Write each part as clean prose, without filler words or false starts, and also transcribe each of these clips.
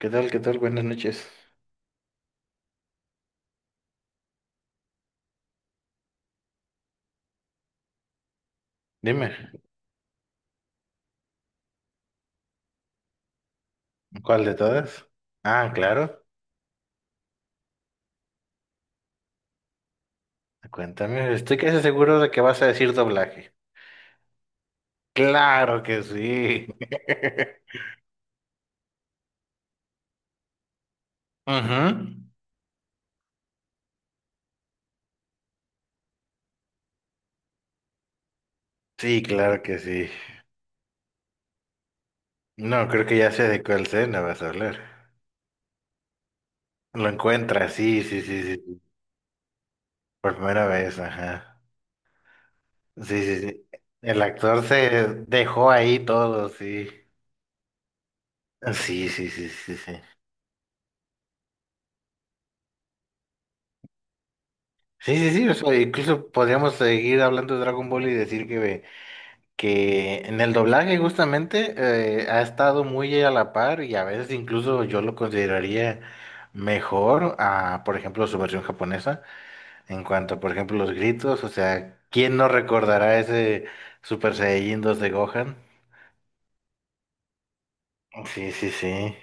¿Qué tal? ¿Qué tal? Buenas noches. Dime, ¿cuál de todas? Ah, claro. Cuéntame, estoy casi seguro de que vas a decir doblaje. Claro que sí. Ujú. Sí, claro que sí. No, creo que ya sé de cuál escena vas a hablar. Lo encuentras, sí, sí, sí, sí, sí. Por primera vez, ajá. Sí, sí, sí. El actor se dejó ahí todo, sí. Sí, sí, sí, sí, sí. Sí, sí, sí, o sea, incluso podríamos seguir hablando de Dragon Ball y decir que en el doblaje justamente ha estado muy a la par y a veces incluso yo lo consideraría mejor a, por ejemplo, su versión japonesa en cuanto a, por ejemplo, los gritos, o sea, ¿quién no recordará ese Super Saiyajin 2 de Gohan? Sí, sí, sí.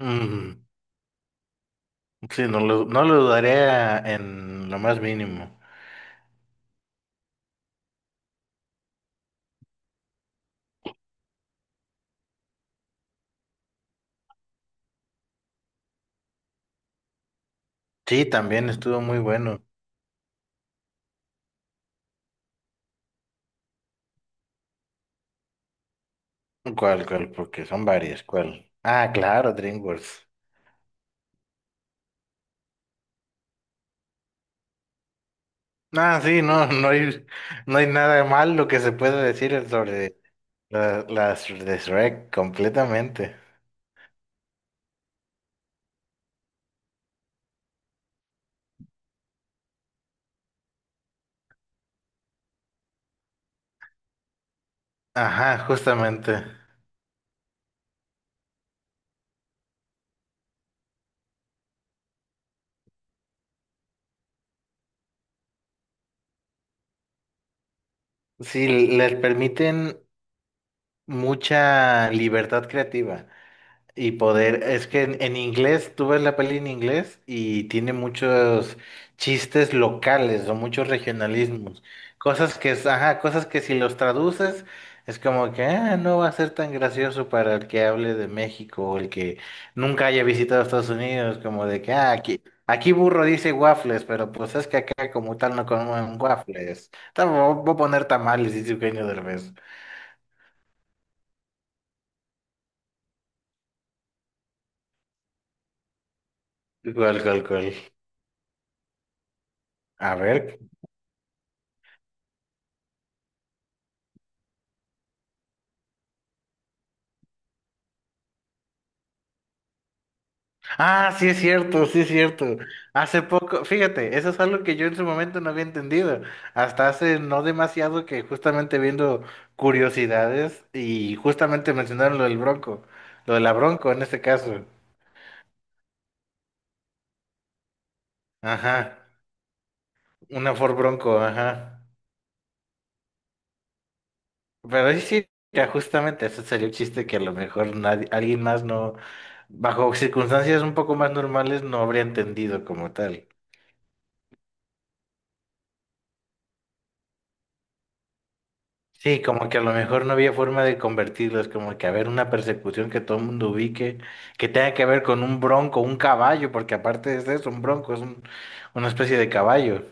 Mm, sí, no lo dudaría en lo más mínimo. Sí, también estuvo muy bueno. ¿Cuál, cuál? Porque son varias, ¿cuál? Ah, claro, DreamWorks. Ah, sí, no, no hay nada de mal lo que se puede decir sobre las de Shrek completamente. Ajá, justamente. Sí, les permiten mucha libertad creativa. Y poder, es que en inglés, tú ves la peli en inglés y tiene muchos chistes locales o muchos regionalismos, cosas que, ajá, cosas que si los traduces es como que "Ah, no va a ser tan gracioso para el que hable de México o el que nunca haya visitado Estados Unidos", como de que "Ah, aquí, aquí burro dice waffles, pero pues es que acá como tal no comen waffles. Voy a poner tamales", dice Eugenio Derbez. ¿Cuál, cuál, cuál? A ver. Ah, sí es cierto, sí es cierto. Hace poco, fíjate, eso es algo que yo en su momento no había entendido. Hasta hace no demasiado que justamente viendo curiosidades y justamente mencionaron lo del Bronco, lo de la Bronco en este caso. Ajá, una Ford Bronco, ajá. Pero sí, sí, mira, justamente ese sería un chiste que a lo mejor nadie, alguien más no, bajo circunstancias un poco más normales, no habría entendido como tal. Sí, como que a lo mejor no había forma de convertirlos, como que haber una persecución que todo el mundo ubique, que tenga que ver con un bronco, un caballo, porque aparte de eso, un bronco es una especie de caballo.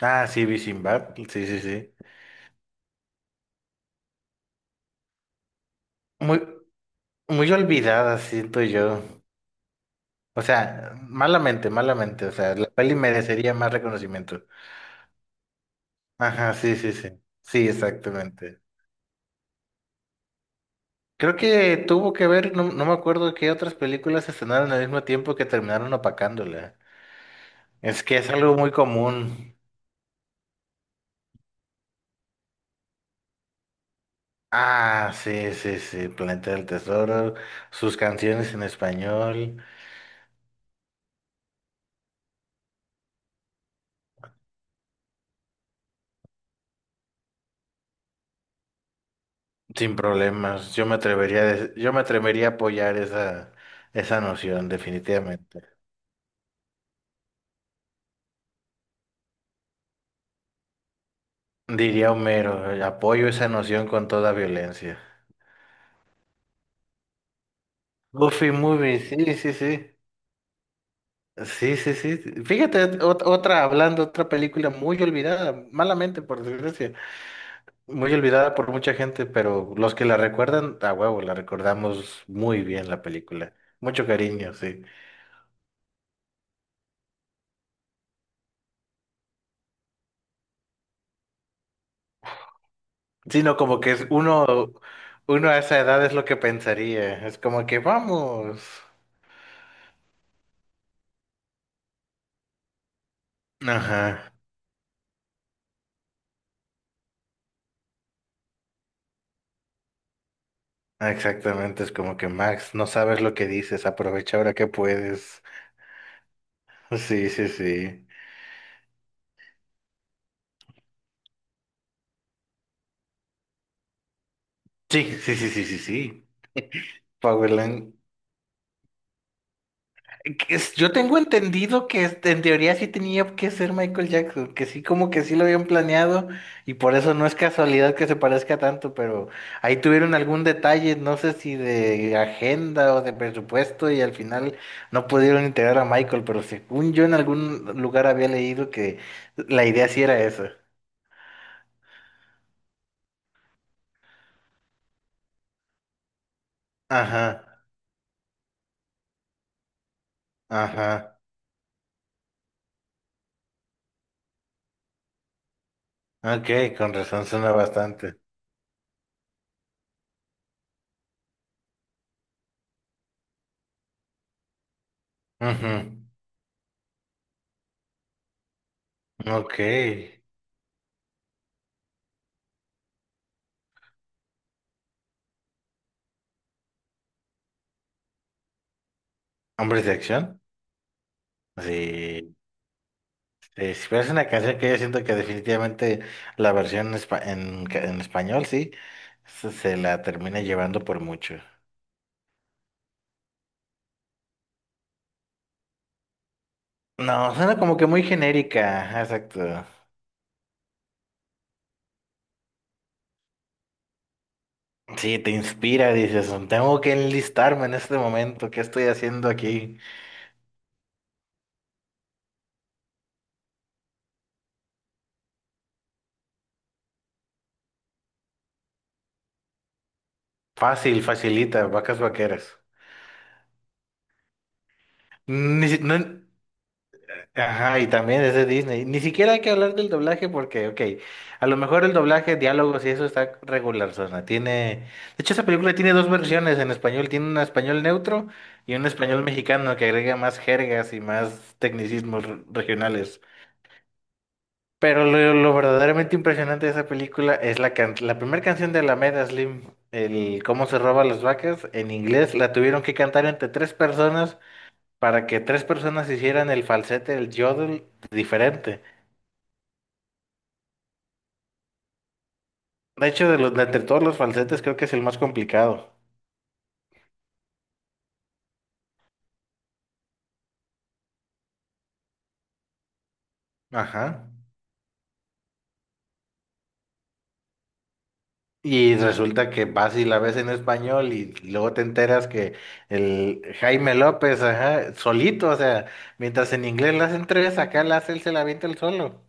Ah, sí, vi Sinbad, sí, sí, sí. Muy, muy olvidada, siento yo. O sea, malamente, malamente, o sea, la peli merecería más reconocimiento. Ajá, sí, sí, sí. Sí, exactamente. Creo que tuvo que ver, no, no me acuerdo qué otras películas se estrenaron al mismo tiempo que terminaron opacándola. Es que es algo muy común. Ah, sí, sí, sí, Planeta del Tesoro, sus canciones en español, sin problemas. Yo me atrevería a apoyar esa noción, definitivamente. Diría Homero, apoyo esa noción con toda violencia. Buffy Movie, sí, sí, sí. Sí, sí, sí. Fíjate, otra, hablando, otra película muy olvidada, malamente, por desgracia. Muy olvidada por mucha gente, pero los que la recuerdan, a huevo, la recordamos muy bien la película. Mucho cariño, sí. Sino como que es uno, uno a esa edad es lo que pensaría. Es como que vamos. Ajá, exactamente. Es como que Max, no sabes lo que dices, aprovecha ahora que puedes. Sí, sí, sí. Sí, sí, sí, sí, sí, sí. Powerland. Yo tengo entendido que este, en teoría sí tenía que ser Michael Jackson, que sí, como que sí lo habían planeado y por eso no es casualidad que se parezca tanto, pero ahí tuvieron algún detalle, no sé si de agenda o de presupuesto y al final no pudieron integrar a Michael, pero según yo en algún lugar había leído que la idea sí era esa. Ajá, ajá, ok, con razón suena bastante. Ujú, ok, hombres de acción, sí. Sí, sí, pero es una canción que yo siento que definitivamente la versión en español, sí, se la termina llevando por mucho. No, suena como que muy genérica, ajá, exacto. Sí, te inspira, dices, tengo que enlistarme en este momento, ¿qué estoy haciendo aquí? Fácil, facilita, vacas vaqueras. Ni si- no, Ajá, y también es de Disney. Ni siquiera hay que hablar del doblaje porque, ok, a lo mejor el doblaje, diálogos y eso está regular, zona. Tiene, de hecho, esa película tiene dos versiones en español. Tiene un español neutro y un español mexicano que agrega más jergas y más tecnicismos regionales. Pero lo verdaderamente impresionante de esa película es la primera canción de Alameda Slim, el cómo se roba las vacas, en inglés la tuvieron que cantar entre tres personas para que tres personas hicieran el falsete, el yodel diferente. De hecho, de entre todos los falsetes creo que es el más complicado. Ajá. Y resulta que vas y la ves en español y luego te enteras que el Jaime López, ajá, solito, o sea, mientras en inglés la hacen tres, acá la hace él, se la avienta el solo.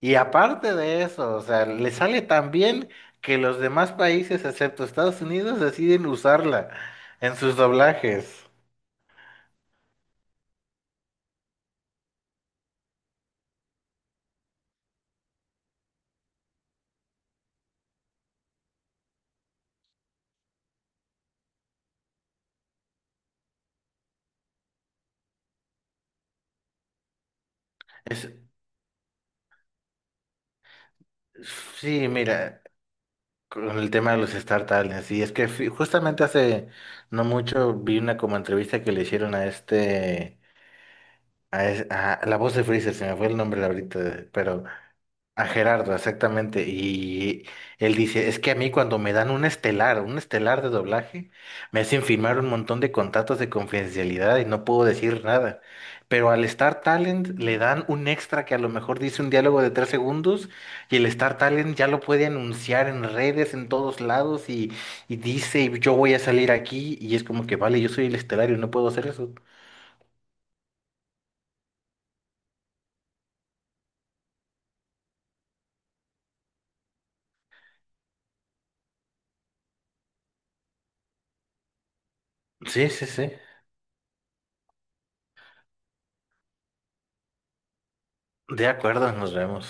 Y aparte de eso, o sea, le sale tan bien que los demás países, excepto Estados Unidos, deciden usarla en sus doblajes. Es, sí, mira. Con el tema de los Star Talents, y es que justamente hace no mucho vi una como entrevista que le hicieron a este, a la voz de Freezer, se me fue el nombre ahorita, pero a Gerardo, exactamente. Y él dice, es que a mí cuando me dan un estelar de doblaje, me hacen firmar un montón de contratos de confidencialidad y no puedo decir nada. Pero al Star Talent le dan un extra que a lo mejor dice un diálogo de 3 segundos y el Star Talent ya lo puede anunciar en redes, en todos lados y dice, yo voy a salir aquí y es como que, vale, yo soy el estelar y no puedo hacer eso. Sí, sí, sí. De acuerdo, nos vemos.